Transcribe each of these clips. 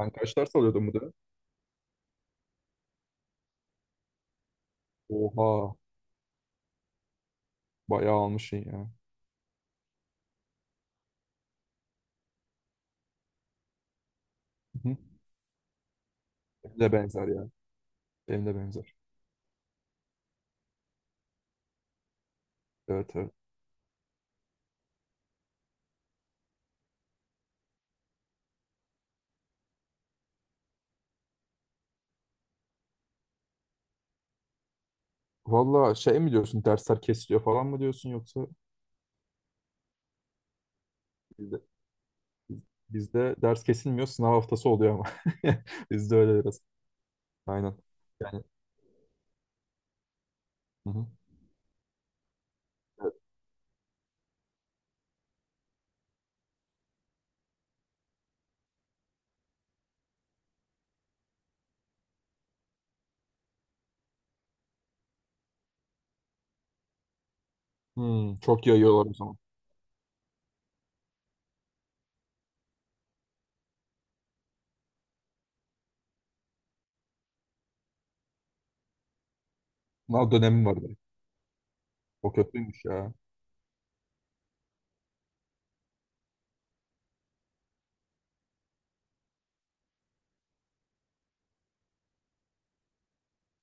Ben kaç ders alıyordum bu dönem? Oha, bayağı almışsın ya. Hı. Benim de benzer ya. Benim de benzer. Evet, evet. Valla şey mi diyorsun, dersler kesiliyor falan mı diyorsun, yoksa bizde, bizde ders kesilmiyor, sınav haftası oluyor ama. Bizde öyle biraz. Aynen. Yani hı hı. Evet. Hmm, çok yayıyorlar o zaman. Sınav dönemi var direkt. O kötüymüş ya.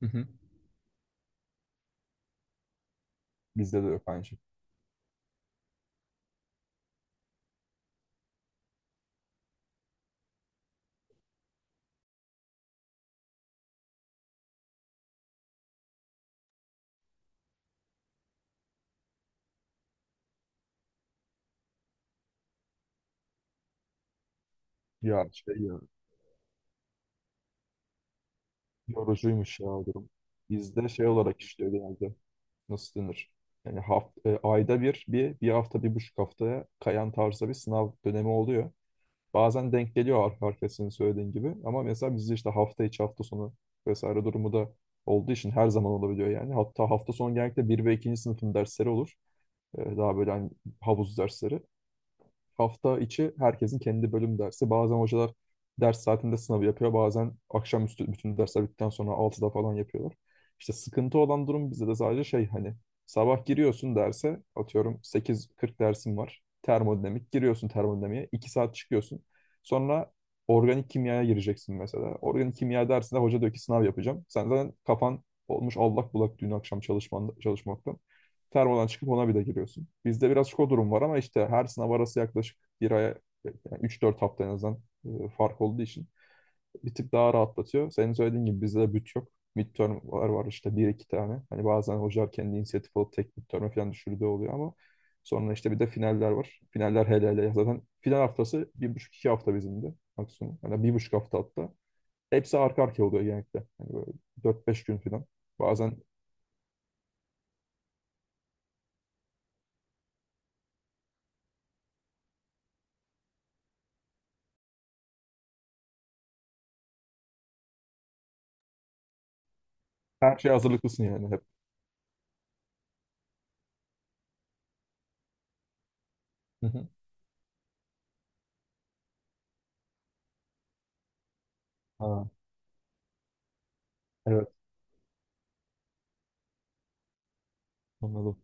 Hı hı. Bizde de yok, aynı şey. Ya şey ya. Yorucuymuş ya o durum. Bizde şey olarak işliyor genelde. Nasıl denir? Yani ayda bir, bir hafta, bir buçuk haftaya kayan tarzda bir sınav dönemi oluyor. Bazen denk geliyor arka arkaya, senin söylediğin gibi. Ama mesela bizde işte hafta içi, hafta sonu vesaire durumu da olduğu için her zaman olabiliyor yani. Hatta hafta sonu genellikle bir ve ikinci sınıfın dersleri olur. Daha böyle hani havuz dersleri, hafta içi herkesin kendi bölüm dersi. Bazen hocalar ders saatinde sınavı yapıyor. Bazen akşamüstü bütün dersler bittikten sonra altıda falan yapıyorlar. İşte sıkıntı olan durum bizde de sadece şey hani, sabah giriyorsun derse, atıyorum sekiz kırk dersin var. Termodinamik, giriyorsun termodinamiğe, 2 saat çıkıyorsun. Sonra organik kimyaya gireceksin mesela. Organik kimya dersinde hoca diyor ki sınav yapacağım. Sen zaten kafan olmuş allak bullak dün akşam çalışmaktan. Termodan çıkıp ona bir de giriyorsun. Bizde birazcık o durum var, ama işte her sınav arası yaklaşık bir aya, yani 3-4 hafta en azından fark olduğu için bir tık daha rahatlatıyor. Senin söylediğin gibi bizde de büt yok. Midterm'ler var işte, bir iki tane. Hani bazen hocalar kendi inisiyatif alıp tek midterm'e falan düşürdüğü oluyor, ama sonra işte bir de finaller var. Finaller, hele hele zaten final haftası bir buçuk iki hafta bizim de maksimum. Hani bir buçuk hafta hatta. Hepsi arka arkaya oluyor genellikle. Hani böyle 4-5 gün falan. Bazen her şeye hazırlıklısın yani hep. Hı hı. Ha, evet. Anladım.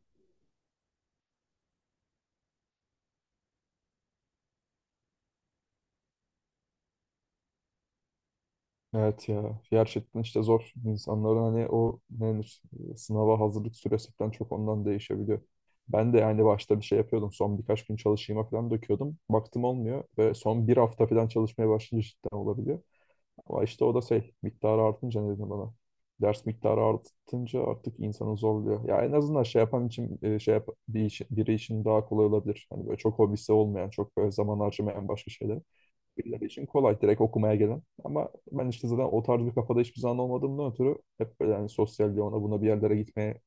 Evet ya. Gerçekten işte zor. İnsanların hani o ne denir, sınava hazırlık süresi falan çok ondan değişebiliyor. Ben de yani başta bir şey yapıyordum. Son birkaç gün çalışayım falan döküyordum. Baktım olmuyor, ve son bir hafta falan çalışmaya başlayınca cidden olabiliyor. Ama işte o da şey miktarı artınca ne dedim bana. Ders miktarı artınca artık insanı zorluyor. Ya en azından şey yapan için biri için daha kolay olabilir. Hani böyle çok hobisi olmayan, çok böyle zaman harcamayan başka şeyler, birileri için kolay, direkt okumaya gelen. Ama ben işte zaten o tarz bir kafada hiçbir zaman olmadığımdan ötürü hep böyle yani sosyal, ona buna, bir yerlere gitmeye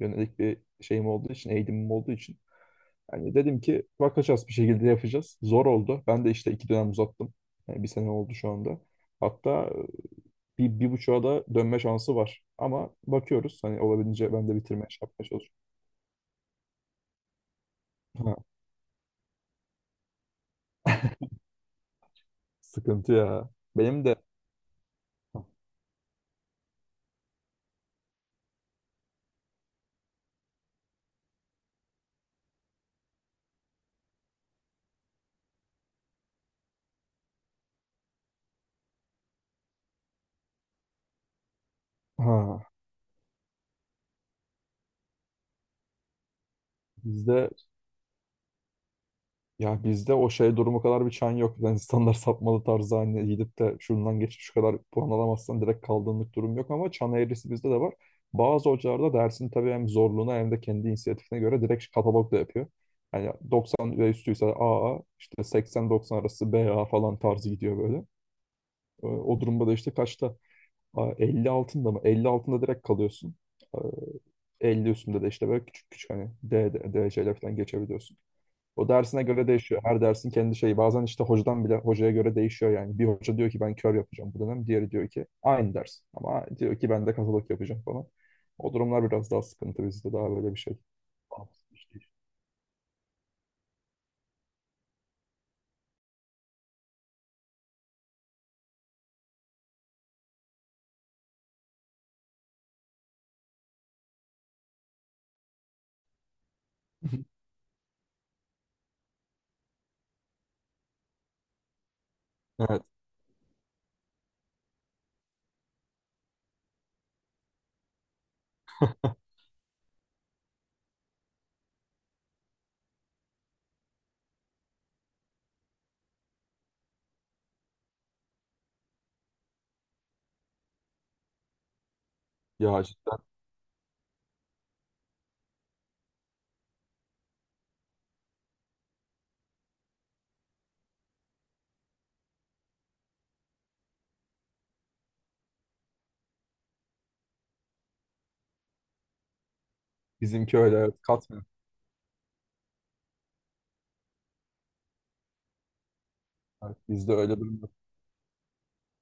yönelik bir şeyim olduğu için, eğilimim olduğu için. Yani dedim ki bakacağız bir şekilde yapacağız. Zor oldu. Ben de işte iki dönem uzattım. Yani bir sene oldu şu anda. Hatta bir buçuğa da dönme şansı var. Ama bakıyoruz. Hani olabildiğince ben de bitirmeye şey yapmaya çalışıyorum. Ha, sıkıntı ya. Benim de Ha, bizde bizde o şey durumu kadar bir çan yok. Yani standart sapmalı tarzı, hani gidip de şundan geçip şu kadar puan alamazsan direkt kaldığınlık durum yok, ama çan eğrisi bizde de var. Bazı hocalarda, dersin tabii hem zorluğuna hem de kendi inisiyatifine göre, direkt katalog da yapıyor. Yani 90 ve üstüyse AA, işte 80-90 arası BA falan tarzı gidiyor böyle. O durumda da işte kaçta, Aa, 50 altında mı? 50 altında direkt kalıyorsun. Aa, 50 üstünde de işte böyle küçük küçük hani DC'ler falan geçebiliyorsun. O dersine göre değişiyor. Her dersin kendi şeyi. Bazen işte hocadan bile, hocaya göre değişiyor yani. Bir hoca diyor ki ben kör yapacağım bu dönem. Diğeri diyor ki aynı ders, ama diyor ki ben de katalog yapacağım falan. O durumlar biraz daha sıkıntı, bizde daha böyle bir şey. Evet. Ya cidden bizimki öyle, evet, katmıyor. Evet, bizde öyle durumlar.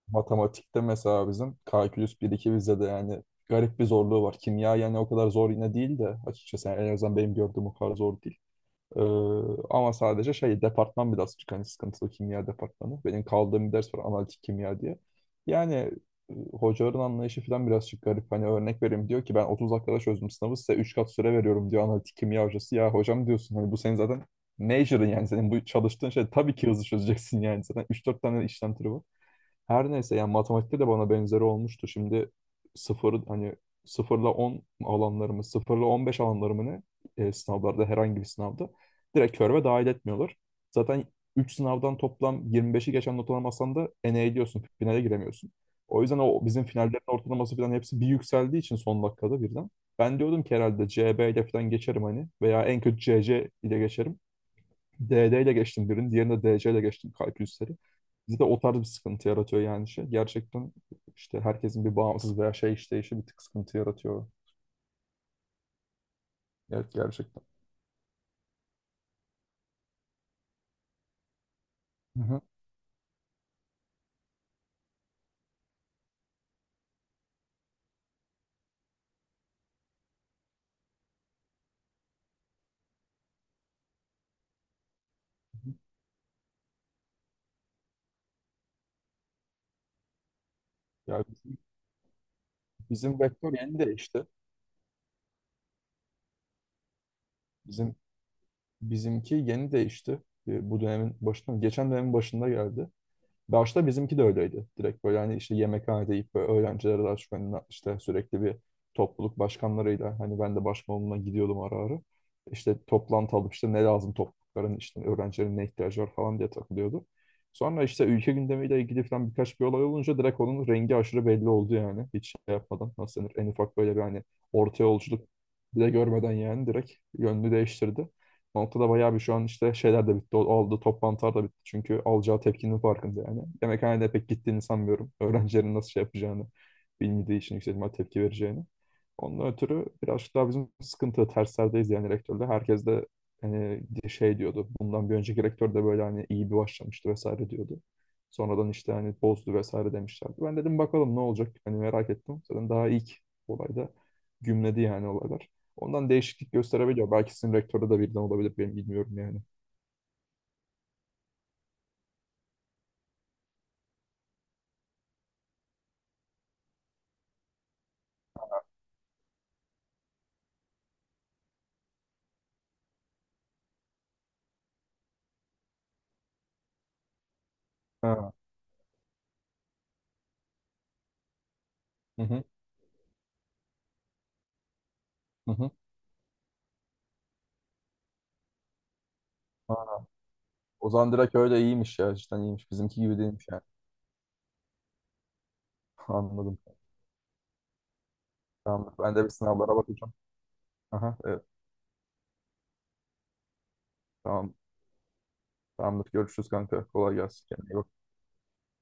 Matematikte mesela bizim kalkülüs 1-2 vizede yani garip bir zorluğu var. Kimya yani o kadar zor yine değil de açıkçası, yani en azından benim gördüğüm o kadar zor değil. Ee, ama sadece şey departman birazcık hani sıkıntılı, kimya departmanı. Benim kaldığım bir ders var, analitik kimya diye. Yani hocaların anlayışı falan birazcık garip. Hani örnek vereyim, diyor ki ben 30 dakikada çözdüm sınavı, size 3 kat süre veriyorum diyor, analitik kimya hocası. Ya hocam diyorsun, hani bu senin zaten major'ın, yani senin bu çalıştığın şey, tabii ki hızlı çözeceksin, yani zaten üç dört tane işlem türü var. Her neyse, yani matematikte de bana benzeri olmuştu. Şimdi sıfır hani, sıfırla 10 alanlarımı, sıfırla 15 alanlarımı ne sınavlarda, herhangi bir sınavda direkt körve dahil etmiyorlar. Zaten 3 sınavdan toplam 25'i geçen not alamazsan da ene ediyorsun, finale giremiyorsun. O yüzden o bizim finallerin ortalaması falan hepsi bir yükseldiği için son dakikada birden. Ben diyordum ki herhalde CB ile falan geçerim hani, veya en kötü CC ile geçerim. DD ile geçtim birini, diğerini de DC ile geçtim, kalkülüsleri. Bizde o tarz bir sıkıntı yaratıyor yani şey. Gerçekten işte herkesin bir bağımsız veya şey işleyişi bir tık sıkıntı yaratıyor. Evet, gerçekten. Hı hı. Ya bizim vektör yeni değişti. Bizim bizimki yeni değişti. Bu dönemin başında, geçen dönemin başında geldi. Başta bizimki de öyleydi. Direkt böyle hani işte yemekhanede deyip böyle öğrenciler arasında, işte sürekli bir topluluk başkanlarıyla, hani ben de başkanlığına gidiyordum ara ara. İşte toplantı alıp işte ne lazım toplulukların, işte öğrencilerin ne ihtiyacı var falan diye takılıyordu. Sonra işte ülke gündemiyle ilgili falan birkaç bir olay olunca direkt onun rengi aşırı belli oldu yani. Hiç şey yapmadan, nasıl denir, en ufak böyle bir hani orta yolculuk bile görmeden, yani direkt yönünü değiştirdi. O noktada bayağı bir, şu an işte şeyler de bitti. Oldu, toplantılar da bitti. Çünkü alacağı tepkinin farkında yani. Yemekhanede pek gittiğini sanmıyorum. Öğrencilerin nasıl şey yapacağını bilmediği için, yüksek ihtimal tepki vereceğini. Ondan ötürü birazcık daha bizim sıkıntı terslerdeyiz yani rektörle. Herkes de hani şey diyordu. Bundan bir önceki rektör de böyle hani iyi bir başlamıştı vesaire diyordu. Sonradan işte hani bozdu vesaire demişlerdi. Ben dedim bakalım ne olacak? Hani merak ettim. Zaten daha ilk olayda gümledi yani olaylar. Ondan değişiklik gösterebiliyor. Belki sizin rektörü de birden olabilir. Benim bilmiyorum yani. Ha. Hı hı. Hı hı. Ha, o zaman direkt öyle iyiymiş ya. Cidden iyiymiş. Bizimki gibi değilmiş yani. Anladım. Tamam. Ben de bir sınavlara bakacağım. Aha, evet. Tamam. Tamamdır. Görüşürüz kanka. Kolay gelsin. Kendine iyi bak.